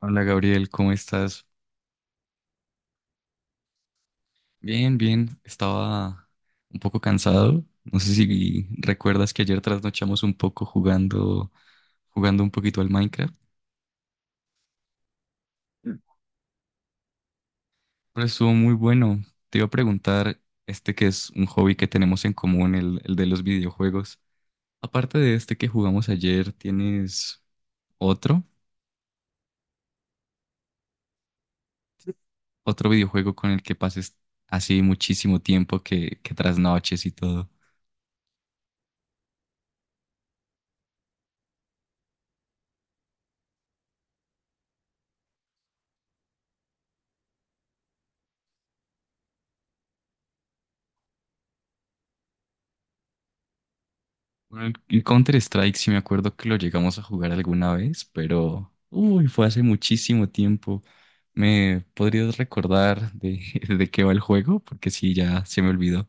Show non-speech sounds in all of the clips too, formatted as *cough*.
Hola Gabriel, ¿cómo estás? Bien, bien. Estaba un poco cansado. No sé si recuerdas que ayer trasnochamos un poco jugando un poquito al Minecraft. Mm. Pero estuvo muy bueno. Te iba a preguntar, este que es un hobby que tenemos en común, el de los videojuegos. Aparte de este que jugamos ayer, ¿tienes otro? ¿Otro videojuego con el que pases así muchísimo tiempo que trasnoches y todo? Bueno, el Counter Strike sí me acuerdo que lo llegamos a jugar alguna vez, pero uy, fue hace muchísimo tiempo. ¿Me podrías recordar de, *laughs* de qué va el juego? Porque sí, ya se me olvidó.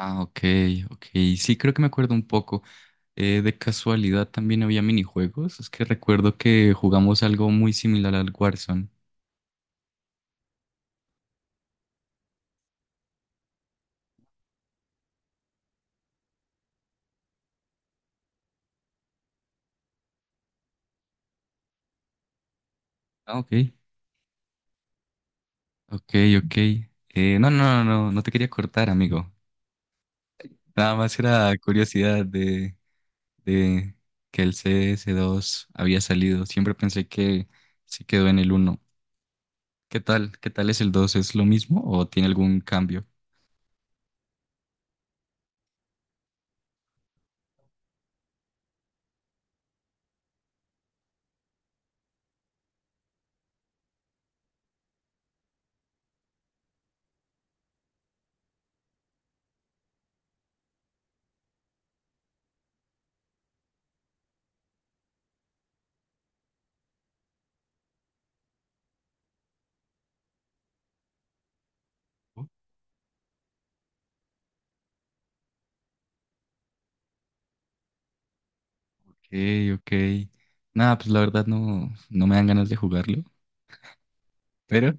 Ah, ok, ok. Sí, creo que me acuerdo un poco. De casualidad también había minijuegos. Es que recuerdo que jugamos algo muy similar al Warzone. Ah, ok, ok, ok. No, no, no, no, no te quería cortar, amigo. Nada más era curiosidad de que el CS2 había salido. Siempre pensé que se quedó en el uno. ¿Qué tal? ¿Qué tal es el dos? ¿Es lo mismo o tiene algún cambio? Ok, ok. Nada, pues la verdad no me dan ganas de jugarlo. Pero, *laughs*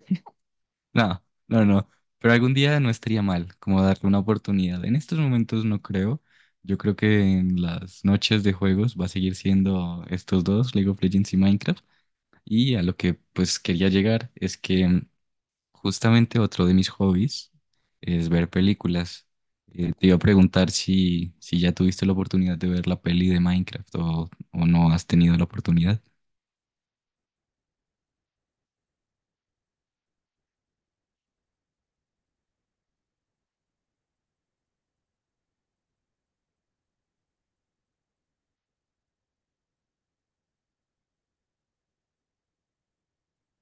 no, no, no. Pero algún día no estaría mal como darle una oportunidad. En estos momentos no creo. Yo creo que en las noches de juegos va a seguir siendo estos dos, League of Legends y Minecraft. Y a lo que pues quería llegar es que justamente otro de mis hobbies es ver películas. Te iba a preguntar si ya tuviste la oportunidad de ver la peli de Minecraft, o no has tenido la oportunidad.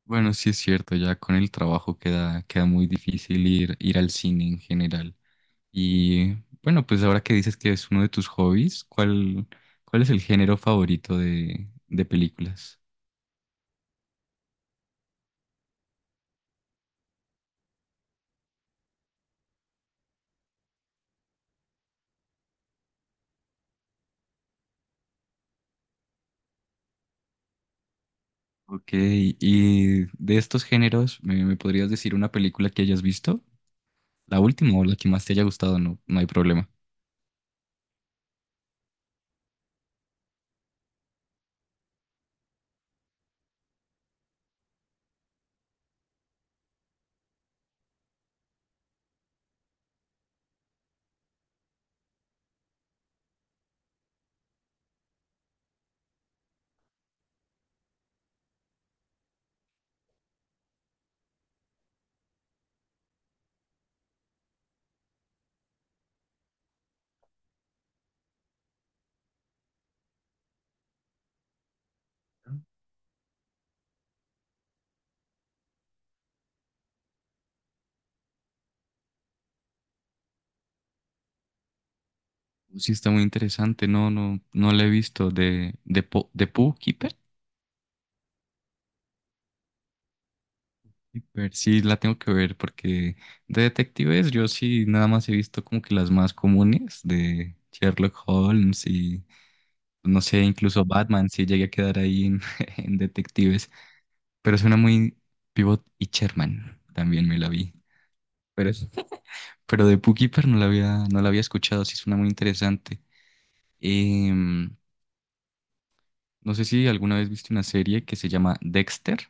Bueno, sí es cierto, ya con el trabajo queda, queda muy difícil ir, ir al cine en general. Y bueno, pues ahora que dices que es uno de tus hobbies, ¿cuál es el género favorito de películas? Ok, y de estos géneros, ¿me podrías decir una película que hayas visto? La última o la que más te haya gustado, no, no hay problema. Sí, está muy interesante. No, no, no la he visto. De Pooh Keeper. Keeper, sí, la tengo que ver porque de detectives yo sí nada más he visto como que las más comunes de Sherlock Holmes y no sé, incluso Batman, sí llegué a quedar ahí en, *laughs* en detectives. Pero suena muy Pivot y Sherman. También me la vi. Pero, *laughs* pero de Pooh Keeper no la había escuchado. Sí, suena muy interesante. Em, No sé si alguna vez viste una serie que se llama Dexter.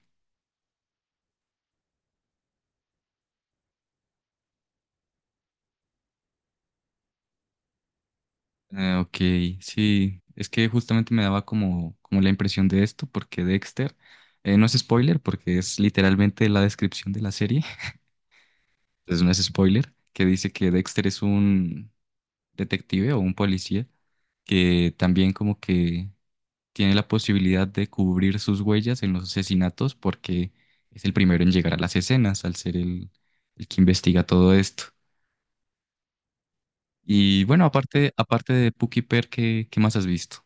Ah, ok, sí, es que justamente me daba como la impresión de esto, porque Dexter, no es spoiler, porque es literalmente la descripción de la serie, *laughs* entonces no es spoiler, que dice que Dexter es un detective o un policía que también como que tiene la posibilidad de cubrir sus huellas en los asesinatos porque es el primero en llegar a las escenas al ser el que investiga todo esto. Y bueno, aparte de Puki Per, ¿qué más has visto?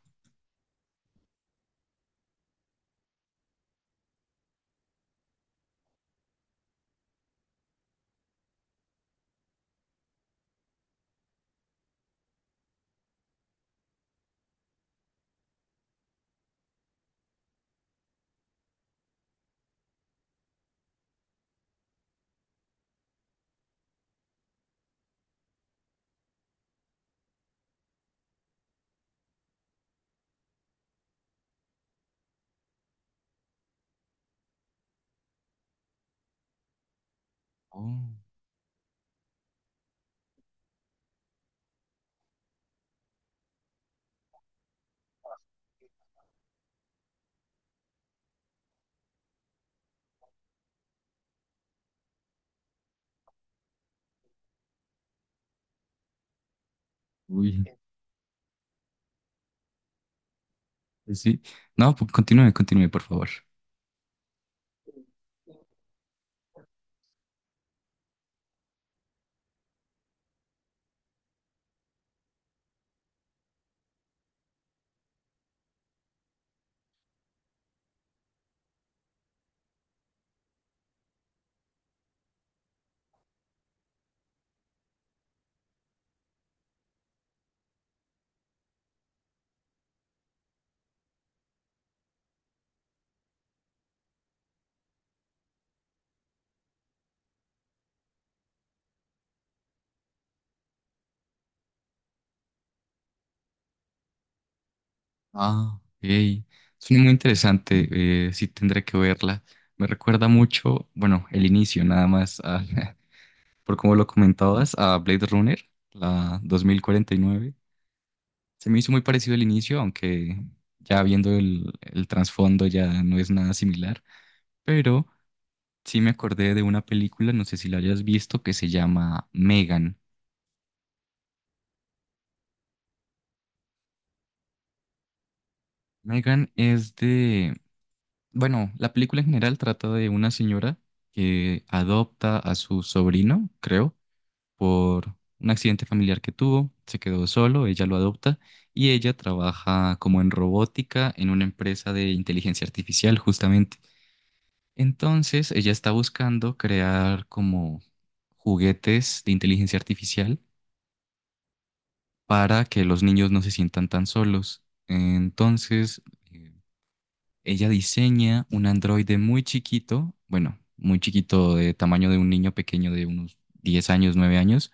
Oh, uy, pues sí. No, continúe, continúe, por favor. Ah, hey. Suena muy interesante. Sí, tendré que verla. Me recuerda mucho, bueno, el inicio, nada más, *laughs* por como lo comentabas, a Blade Runner, la 2049. Se me hizo muy parecido el inicio, aunque ya viendo el trasfondo ya no es nada similar. Sí me acordé de una película, no sé si la hayas visto, que se llama Megan. Megan es de, bueno, la película en general trata de una señora que adopta a su sobrino, creo, por un accidente familiar que tuvo, se quedó solo, ella lo adopta y ella trabaja como en robótica en una empresa de inteligencia artificial, justamente. Entonces, ella está buscando crear como juguetes de inteligencia artificial para que los niños no se sientan tan solos. Entonces, eh, ella diseña un androide muy chiquito, bueno, muy chiquito de tamaño de un niño pequeño de unos 10 años, 9 años,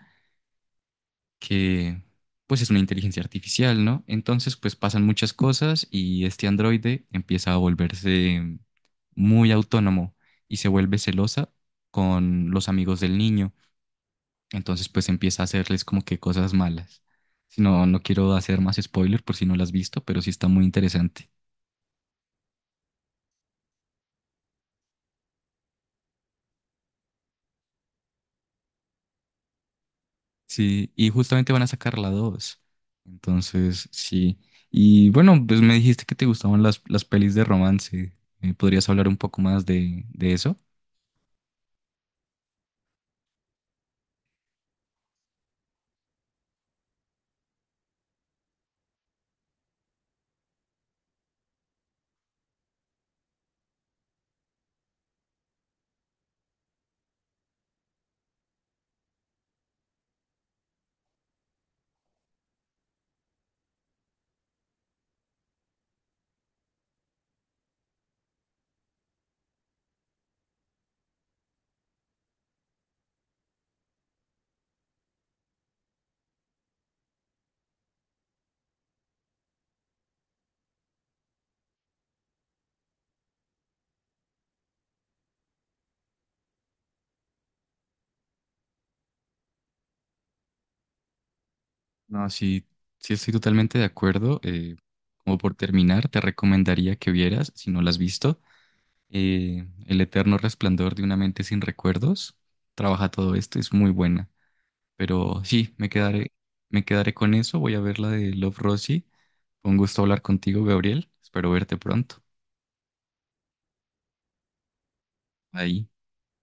que pues es una inteligencia artificial, ¿no? Entonces, pues pasan muchas cosas y este androide empieza a volverse muy autónomo y se vuelve celosa con los amigos del niño. Entonces, pues empieza a hacerles como que cosas malas. Si no, no quiero hacer más spoiler por si no la has visto, pero sí está muy interesante. Sí, y justamente van a sacar la dos. Entonces, sí. Y bueno, pues me dijiste que te gustaban las pelis de romance. ¿Podrías hablar un poco más de eso? No, sí, sí estoy totalmente de acuerdo. Como por terminar, te recomendaría que vieras, si no la has visto, El eterno resplandor de una mente sin recuerdos. Trabaja todo esto, es muy buena. Pero sí, me quedaré con eso. Voy a ver la de Love Rosie. Con gusto hablar contigo, Gabriel. Espero verte pronto. Ahí.